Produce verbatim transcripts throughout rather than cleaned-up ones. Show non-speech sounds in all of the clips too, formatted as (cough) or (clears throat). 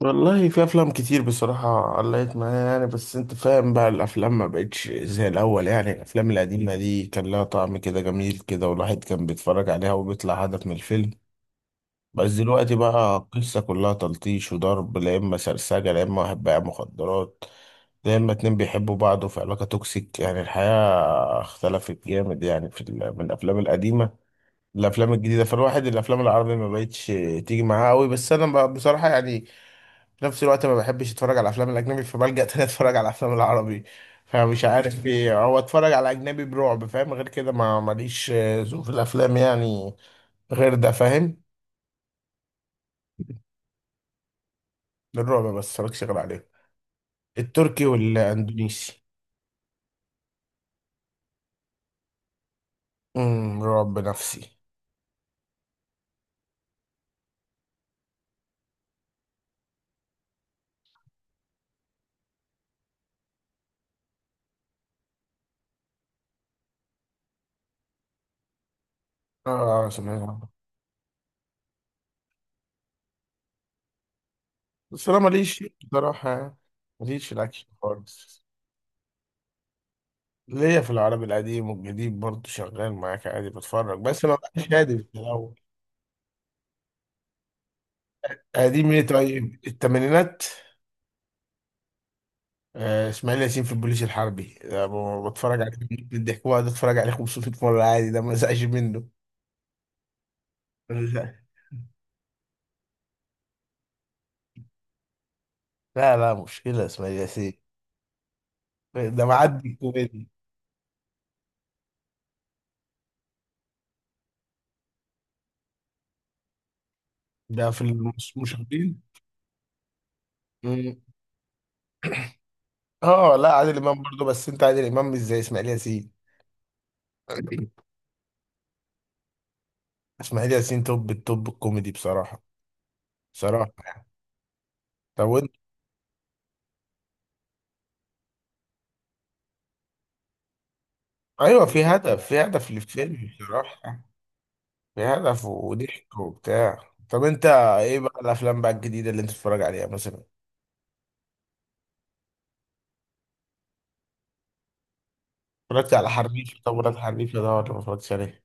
والله في افلام كتير، بصراحة علقت معايا، يعني بس انت فاهم بقى الافلام ما بقتش زي الاول. يعني الافلام القديمة دي كان لها طعم كده جميل كده، والواحد كان بيتفرج عليها وبيطلع هدف من الفيلم. بس دلوقتي بقى القصة كلها تلطيش وضرب، لا اما سرسجة، لا اما واحد بايع مخدرات، لا اما اتنين بيحبوا بعض وفي علاقة توكسيك. يعني الحياة اختلفت جامد، يعني في ال- من الافلام القديمة الافلام الجديدة. فالواحد الافلام العربية ما بقتش تيجي معاه قوي. بس انا بقى بصراحة، يعني في نفس الوقت ما بحبش اتفرج على الافلام الاجنبي، فبلجأ تاني (laughs) اتفرج على الافلام العربي. فمش عارف ايه هو، اتفرج على اجنبي برعب، فاهم؟ غير كده ما ماليش آه، ذوق في الافلام، يعني غير ده، فاهم؟ الرعب بس اتفرجش غير عليه. التركي والاندونيسي. امم رعب نفسي. اه سمعت عنه. بس انا ماليش بصراحة، ماليش في الاكشن خالص. ليا في العربي القديم والجديد برضه، شغال معاك عادي بتفرج، بس ما بقاش هادي في الاول. قديم ايه؟ طيب الثمانينات. آه، اسماعيل ياسين في البوليس الحربي ده ب- بتفرج عليه. من الضحك بقعد اتفرج عليه خمسمية مرة عادي، ده ما زهقش منه. لا. لا لا، مشكلة اسماعيل ياسين ده معدي الكوميديا. ده في المشاهدين. مم. اه، لا عادل امام برضه، بس انت عادل امام مش زي اسماعيل ياسين. (clears throat) اسماعيل ياسين توب التوب الكوميدي بصراحة، بصراحة. طب وانت؟ ايوه، في هدف في هدف للفيلم بصراحة. في هدف وضحك وبتاع. طب انت ايه بقى الافلام بقى الجديدة اللي انت بتتفرج عليها مثلا؟ اتفرجت على حريفة؟ طب اتفرجت حريفة ده ولا ما اتفرجتش عليه؟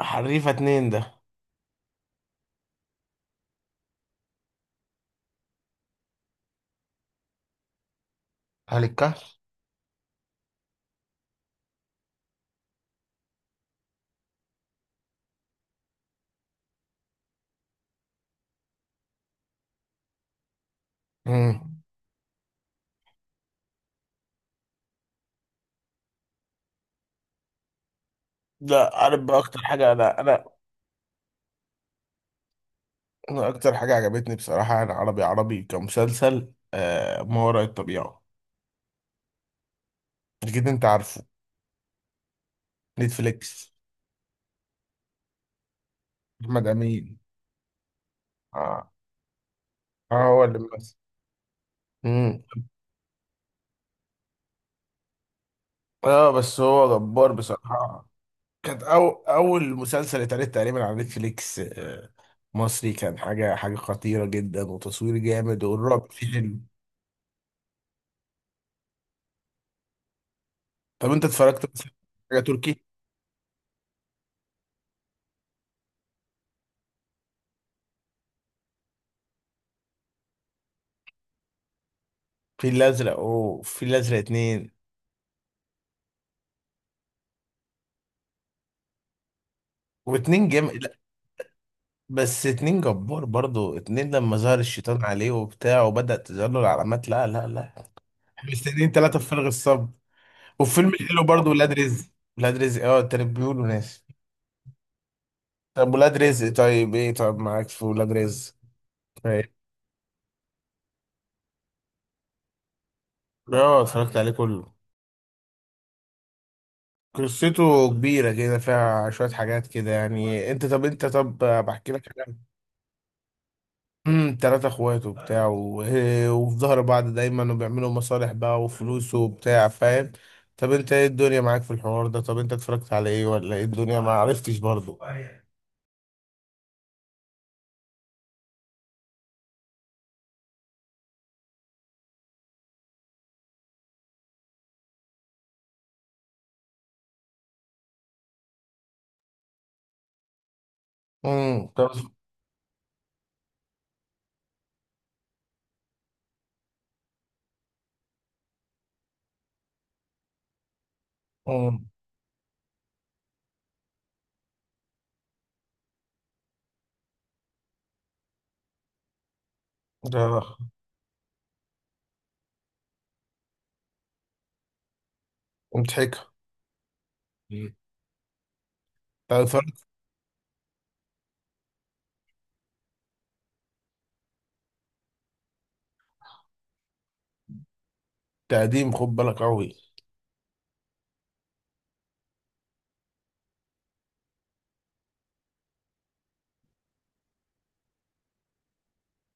حريفة اتنين ده. أهل الكهف. امم. ده عارف بقى اكتر حاجة، انا انا، أنا اكتر حاجة عجبتني بصراحة، انا عربي، عربي كمسلسل آه ما وراء الطبيعة. اكيد انت عارفه. نتفليكس. احمد امين. اه اه، هو اللي ممثل. امم. اه بس هو جبار بصراحة. كانت أو اول مسلسل اتعرض تقريبا على نتفليكس آه مصري، كان حاجة حاجة خطيرة جدا، وتصوير جامد، والرعب فيه حلو. طب انت اتفرجت مثلا على حاجه تركي؟ في الازرق، وفي الازرق اتنين. واتنين جم، لا بس اتنين جبار برضو. اتنين لما ظهر الشيطان عليه وبتاع، وبدأت تظهر له العلامات، لا لا لا. مستنيين تلاتة بفارغ الصبر. والفيلم الحلو برضو ولاد رزق. ولاد رزق، اه، التاني بيقولوا ناس. طب ولاد رزق طيب، ايه؟ طب معاك في ولاد رزق؟ طيب. اه اتفرجت عليه كله. قصته كبيرة كده، فيها شوية حاجات كده، يعني انت طب انت طب بحكي لك حاجة. امم تلاتة اخوات وبتاع و- (laughs) إيه، وفي ظهر بعض دايما، وبيعملوا مصالح بقى وفلوس وبتاع، فاهم؟ طب انت ايه الدنيا معاك في الحوار ده؟ طب انت اتفرجت على ايه ولا ايه الدنيا، ما عرفتش برضو؟ امم طب. امم ده مضحكة. طب اتفرجت؟ قديم، خد بالك قوي.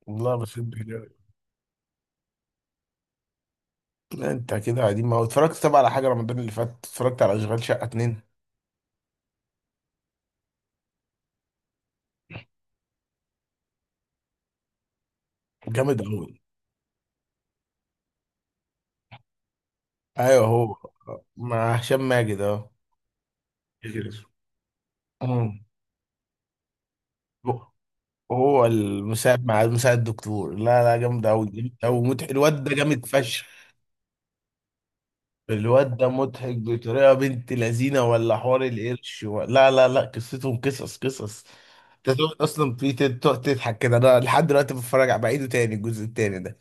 والله بحب الهلال. لا انت كده قديم أوي. اتفرجت طب على حاجة رمضان اللي فات؟ اتفرجت على اشغال شقة اتنين؟ جامد قوي. ايوه هو. مع هشام ماجد اهو. أمم. هو المساعد مع مساعد الدكتور، لا لا، جامد قوي جامد قوي، مضحك الواد ده، جامد فشخ. الواد ده مضحك بطريقه. بنت لذينه، ولا حوار القرش و، لا لا لا، قصتهم قصص قصص. انت تقعد اصلا في تت- تقعد تضحك كده. انا لحد دلوقتي بتفرج على بعيده تاني، الجزء التاني ده.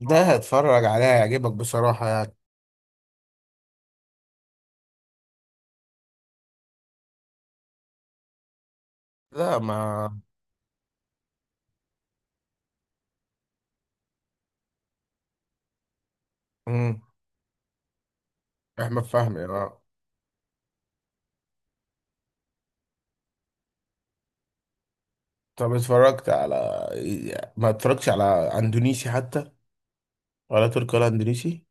ده هتفرج عليها هيعجبك بصراحه، يعني. لا ما. مم. احمد فهمي، اه. طب اتفرجت على إيه؟ ما اتفرجتش على اندونيسي حتى؟ ولا تركي، ولا اندونيسي.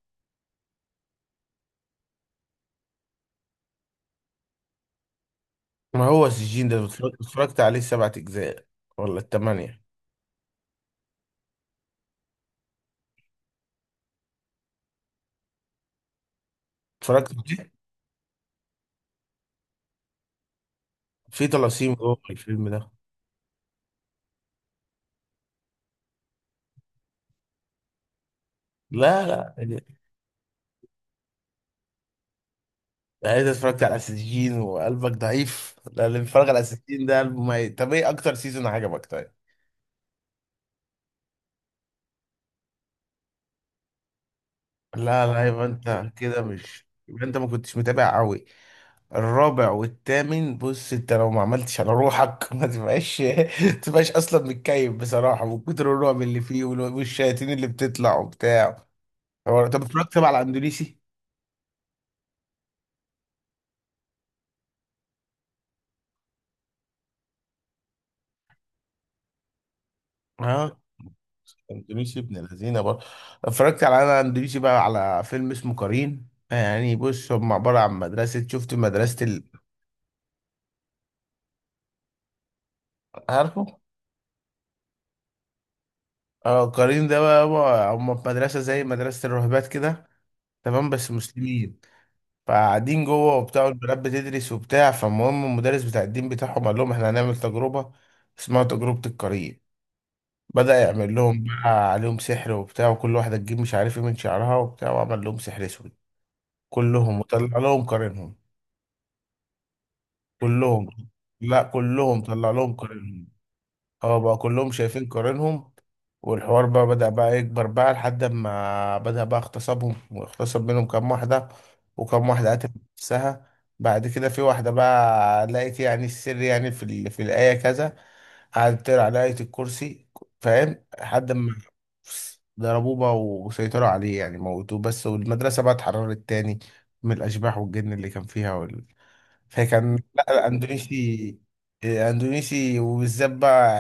ما هو السجين ده اتفرجت اتفرجت عليه سبعة أجزاء، ولا التمانية. اتفرجت عليه؟ في طلاسيم جوه الفيلم ده. لا لا، يعني انت اتفرجت على السجين وقلبك ضعيف؟ لا، اللي بيتفرج على السجين ده قلبه ميت. طب ايه أكتر سيزون عجبك طيب؟ لا لا، يبقى انت كده مش يبقى انت ما كنتش متابع قوي. الرابع والثامن. بص انت لو ما عملتش على روحك، ما تبقاش (laughs) ما تبقاش اصلا متكيف بصراحه، من كتر الرعب اللي فيه، وال- والشياطين اللي بتطلع وبتاع. هو طب اتفرجت بقى على الاندونيسي؟ ها. اندونيسي ابن الذين برضه. اتفرجت على، انا اندونيسي بقى، على فيلم اسمه قرين. يعني بص، هم عباره عن مدرسه. شفت مدرسه ال... عارفه؟ اه، قرين ده بقى، هو- هم في مدرسه زي مدرسه الراهبات كده، تمام؟ بس مسلمين. فقاعدين جوه وبتاع، والبنات بتدرس وبتاع. فالمهم المدرس بتاع الدين بتاعهم قال لهم احنا هنعمل تجربه، اسمها تجربه القرين. بدأ يعمل لهم بقى عليهم سحر وبتاع، وكل واحدة تجيب مش عارف ايه من شعرها وبتاع، وعمل لهم سحر اسود كلهم، وطلع لهم قرينهم. كلهم. لا كلهم طلع لهم قرينهم. اه، بقى كلهم شايفين قرينهم. والحوار بقى بدأ بقى يكبر بقى، لحد ما بدأ بقى اغتصابهم، واغتصب منهم كام واحدة، وكام واحدة قتلت نفسها. بعد كده في واحدة بقى لقيت يعني السر، يعني في ال... في الآية كذا. قعدت تقرا على آية الكرسي، فاهم؟ لحد ما ضربوه بقى وسيطروا عليه، يعني موتوه بس، والمدرسة بقى اتحررت تاني من الأشباح والجن اللي كان فيها. فكان لا اندونيسي، اندونيسي وبالذات بقى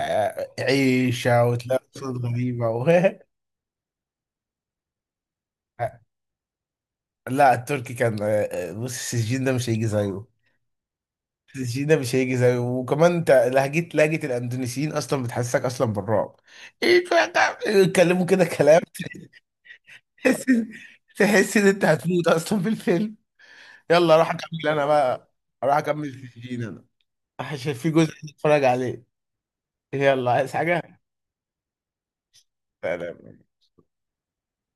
آه، عيشة وتلاقي صوت غريبة و. (laughs) لا التركي كان آه، آه، بص السجين ده مش هيجي زيه. السجين ده مش هيجي زيه، وكمان انت لهجة لهجة الاندونيسيين اصلا بتحسسك اصلا بالرعب. ايه بقى ده؟ يتكلموا كده كلام (laughs) تحس تحس ان انت هتموت اصلا في الفيلم. يلا اروح اكمل انا بقى. اروح اكمل في السجين انا، عشان في جزء نتفرج عليه. يلا عايز حاجة؟ سلام.